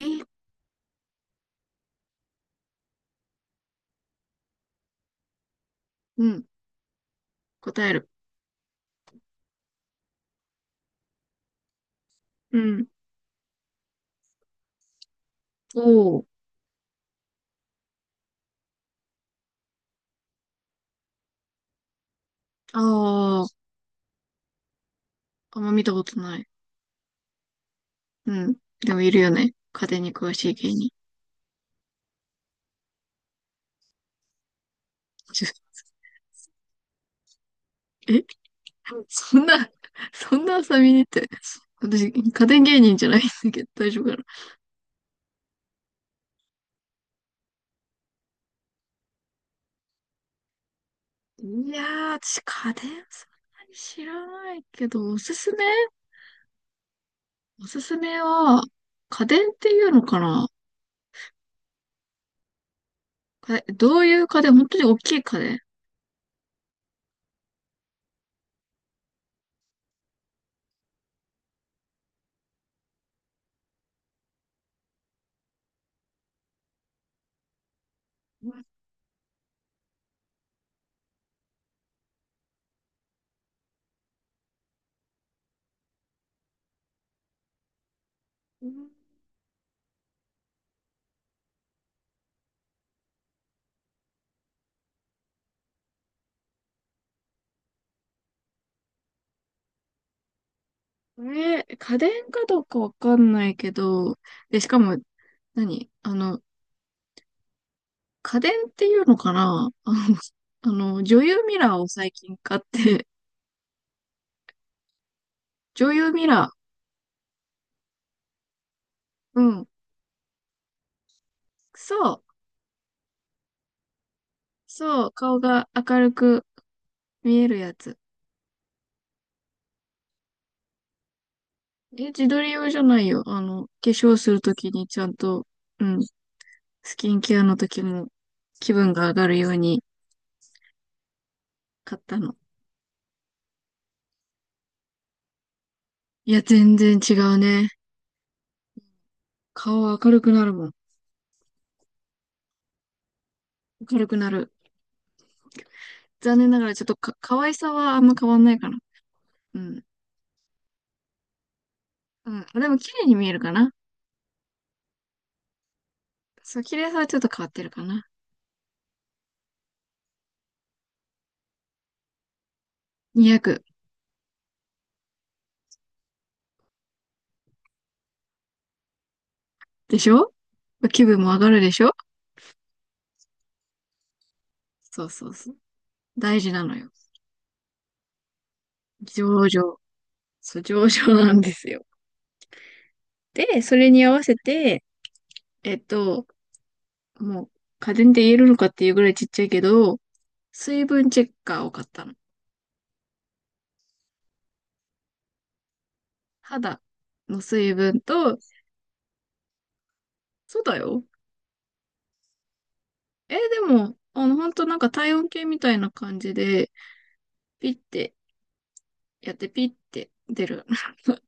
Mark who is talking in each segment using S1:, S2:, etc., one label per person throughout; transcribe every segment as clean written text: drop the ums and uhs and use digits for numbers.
S1: えうん。答える。うん。おー。あー。あんま見たことない。うん。でもいるよね。家電に詳しい芸人。ちょえそんな、そんな遊びにって。私、家電芸人じゃないんだけど、大丈夫かな。いやー、私、家電そんなに知らないけど、おすすめは、家電っていうのかな、か、どういう家電、本当に大きい家電。うん。家電かどうかわかんないけど、で、しかも何、家電っていうのかなあ、女優ミラーを最近買って、女優ミラー。うん。そう。そう。顔が明るく見えるやつ。え、自撮り用じゃないよ。化粧するときにちゃんと、うん。スキンケアのときも気分が上がるように買ったの。いや、全然違うね。顔は明るくなるもん。明るくなる。残念ながらちょっとか、可愛さはあんま変わんないかな。うん。うん。あ、でも綺麗に見えるかな。そう、綺麗さはちょっと変わってるかな。200でしょ？気分も上がるでしょ？そうそうそう。大事なのよ。上々。そう、上場なんですよ。で、それに合わせて、えっと、もう、家電で言えるのかっていうぐらいちっちゃいけど、水分チェッカーを買ったの。肌の水分と、そうだよ。えーでも、ほんとなんか体温計みたいな感じで、ピッてやってピッて出る。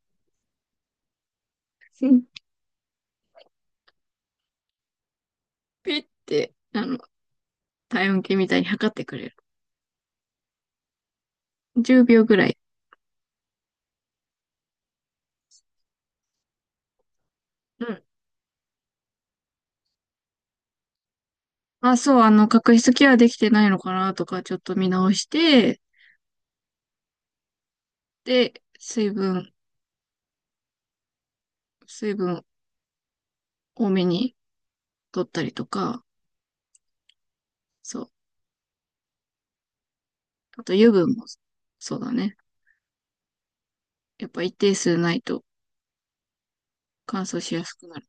S1: ピッて、体温計みたいに測ってくれる。10秒ぐらい。うん。あ、そう、角質ケアできてないのかなとか、ちょっと見直して、で、水分多めに取ったりとか、そう。あと油分も、そうだね。やっぱ一定数ないと乾燥しやすくなる。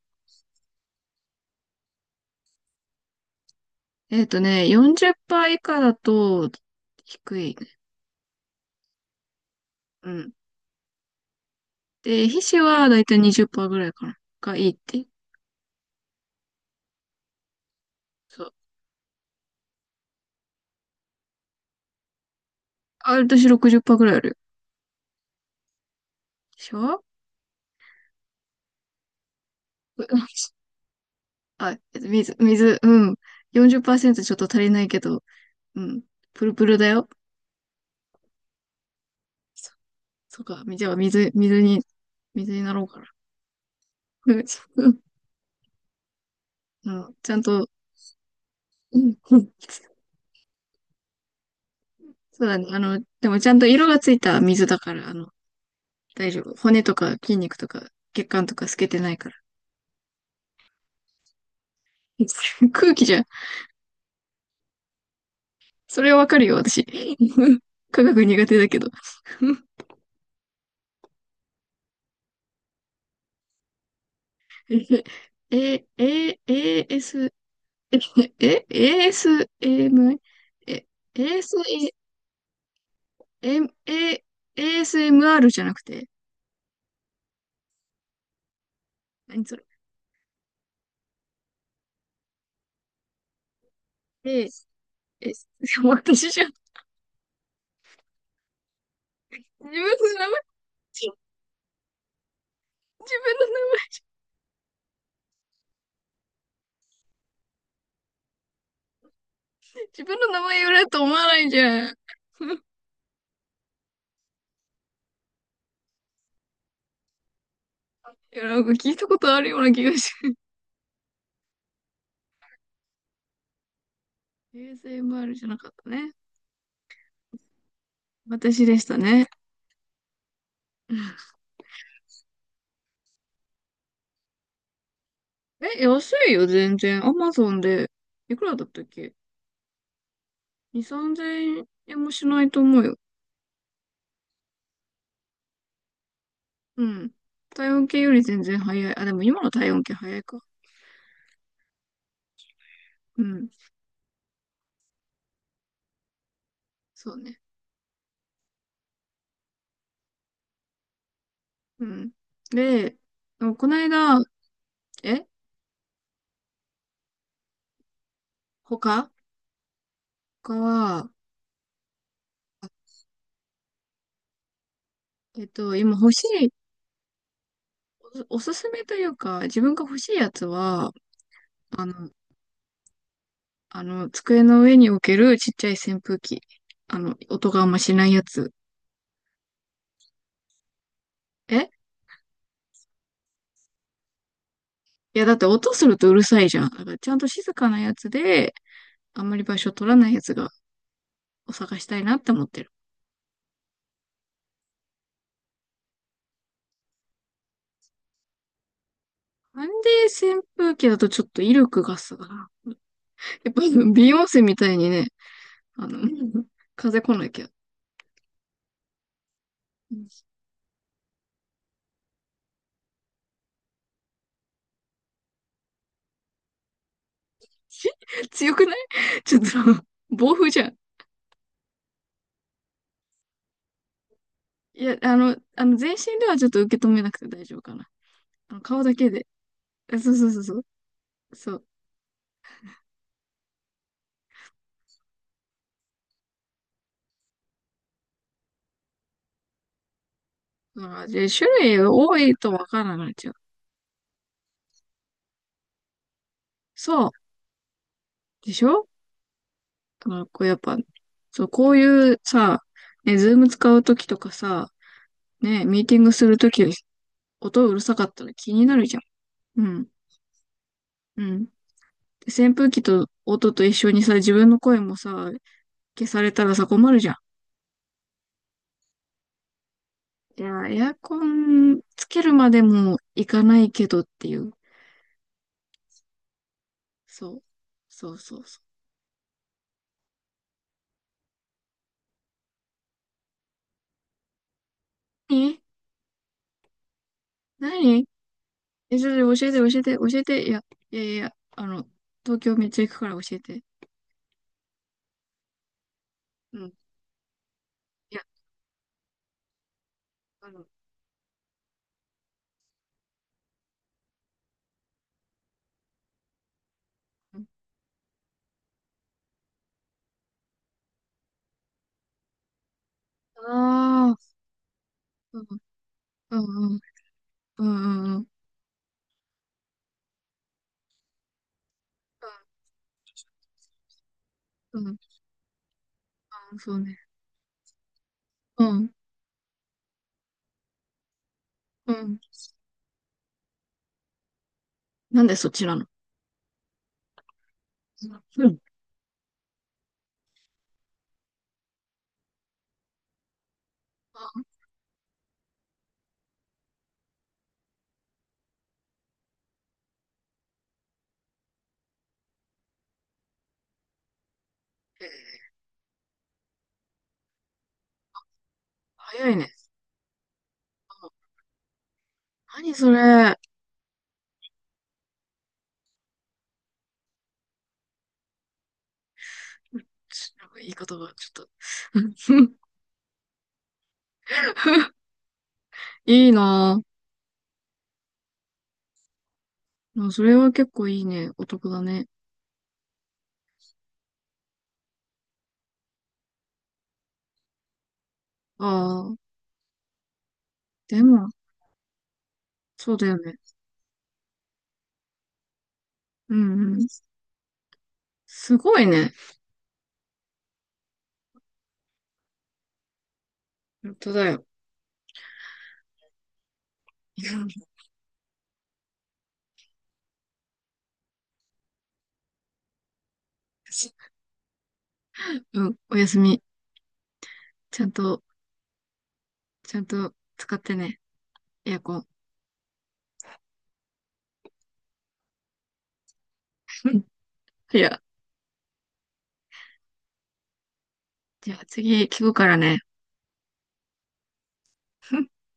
S1: 40%以下だと低いね。うん。で、皮脂はだいたい20%ぐらいかな。がいいって。そう。あ、私60%ぐらいあるよ。でしょう？あ、水、うん。40%ちょっと足りないけど、うん。プルプルだよ。そうか、じゃあ水になろうかな。ちゃんと、うんうん。そうだね。でもちゃんと色がついた水だから、大丈夫。骨とか筋肉とか血管とか透けてないから。空気じゃん。それはわかるよ、私。科学苦手だけど。え、AS、S、 ASM、AS、エム、え、エーエスエム、ASMR じゃなくて、何それ。え、私じゃん、自分の名前、自分の名前、自分の名前言われると思わないじゃん。いや、なんか聞いたことあるような気がして。ASMR じゃなかったね。私でしたね。え、安いよ、全然。アマゾンで。いくらだったっけ？ 2、3000円もしないと思うよ。うん。体温計より全然早い。あ、でも今の体温計早いか。うん。そうね。うん。で、でもこの間、え他他は、今欲しいおすすめというか、自分が欲しいやつは、あの、机の上に置けるちっちゃい扇風機。音があんましないやつ。えいや、だって音するとうるさいじゃん。だからちゃんと静かなやつで、あんまり場所取らないやつを探したいなって思ってる。なんで扇風機だとちょっと威力がさ、やっぱビヨンセみたいにね、あの、風来なきゃ。し強くないちょっと、暴風じゃん。いや、全身ではちょっと受け止めなくて大丈夫かな。あ、顔だけで。あ、そうそうそうそう。そう。だからで、種類多いとわからないじゃん。そう。でしょ？だからこうやっぱ、そう、こういうさ、ね、ズーム使うときとかさ、ね、ミーティングするとき、音うるさかったら気になるじゃん。うん。うん。で、扇風機と音と一緒にさ、自分の声もさ、消されたらさ、困るじゃん。いや、エアコンつけるまでもいかないけどっていう。そう。そうそうそう。何、何？それ教えて、教えて、教えて。いや、いやいやいや、東京めっちゃ行くから教えて。うん。いや、あの、ああー、うん、うん、うん、うん、うん、うん、うん、うん、そうね。うん、うん。なんでそっちなの？うん。あ、えー早いね。何それ。なんか言い方がちょっと。 いいなぁ。でもそれは結構いいね。お得だね。ああ、でも、そうだよね。うんうん。すごいね。本当だよ。うん、おやすみ。ちゃんと、ちゃんと使ってね、エアコン。うん。いや、じゃあ次聞くからね。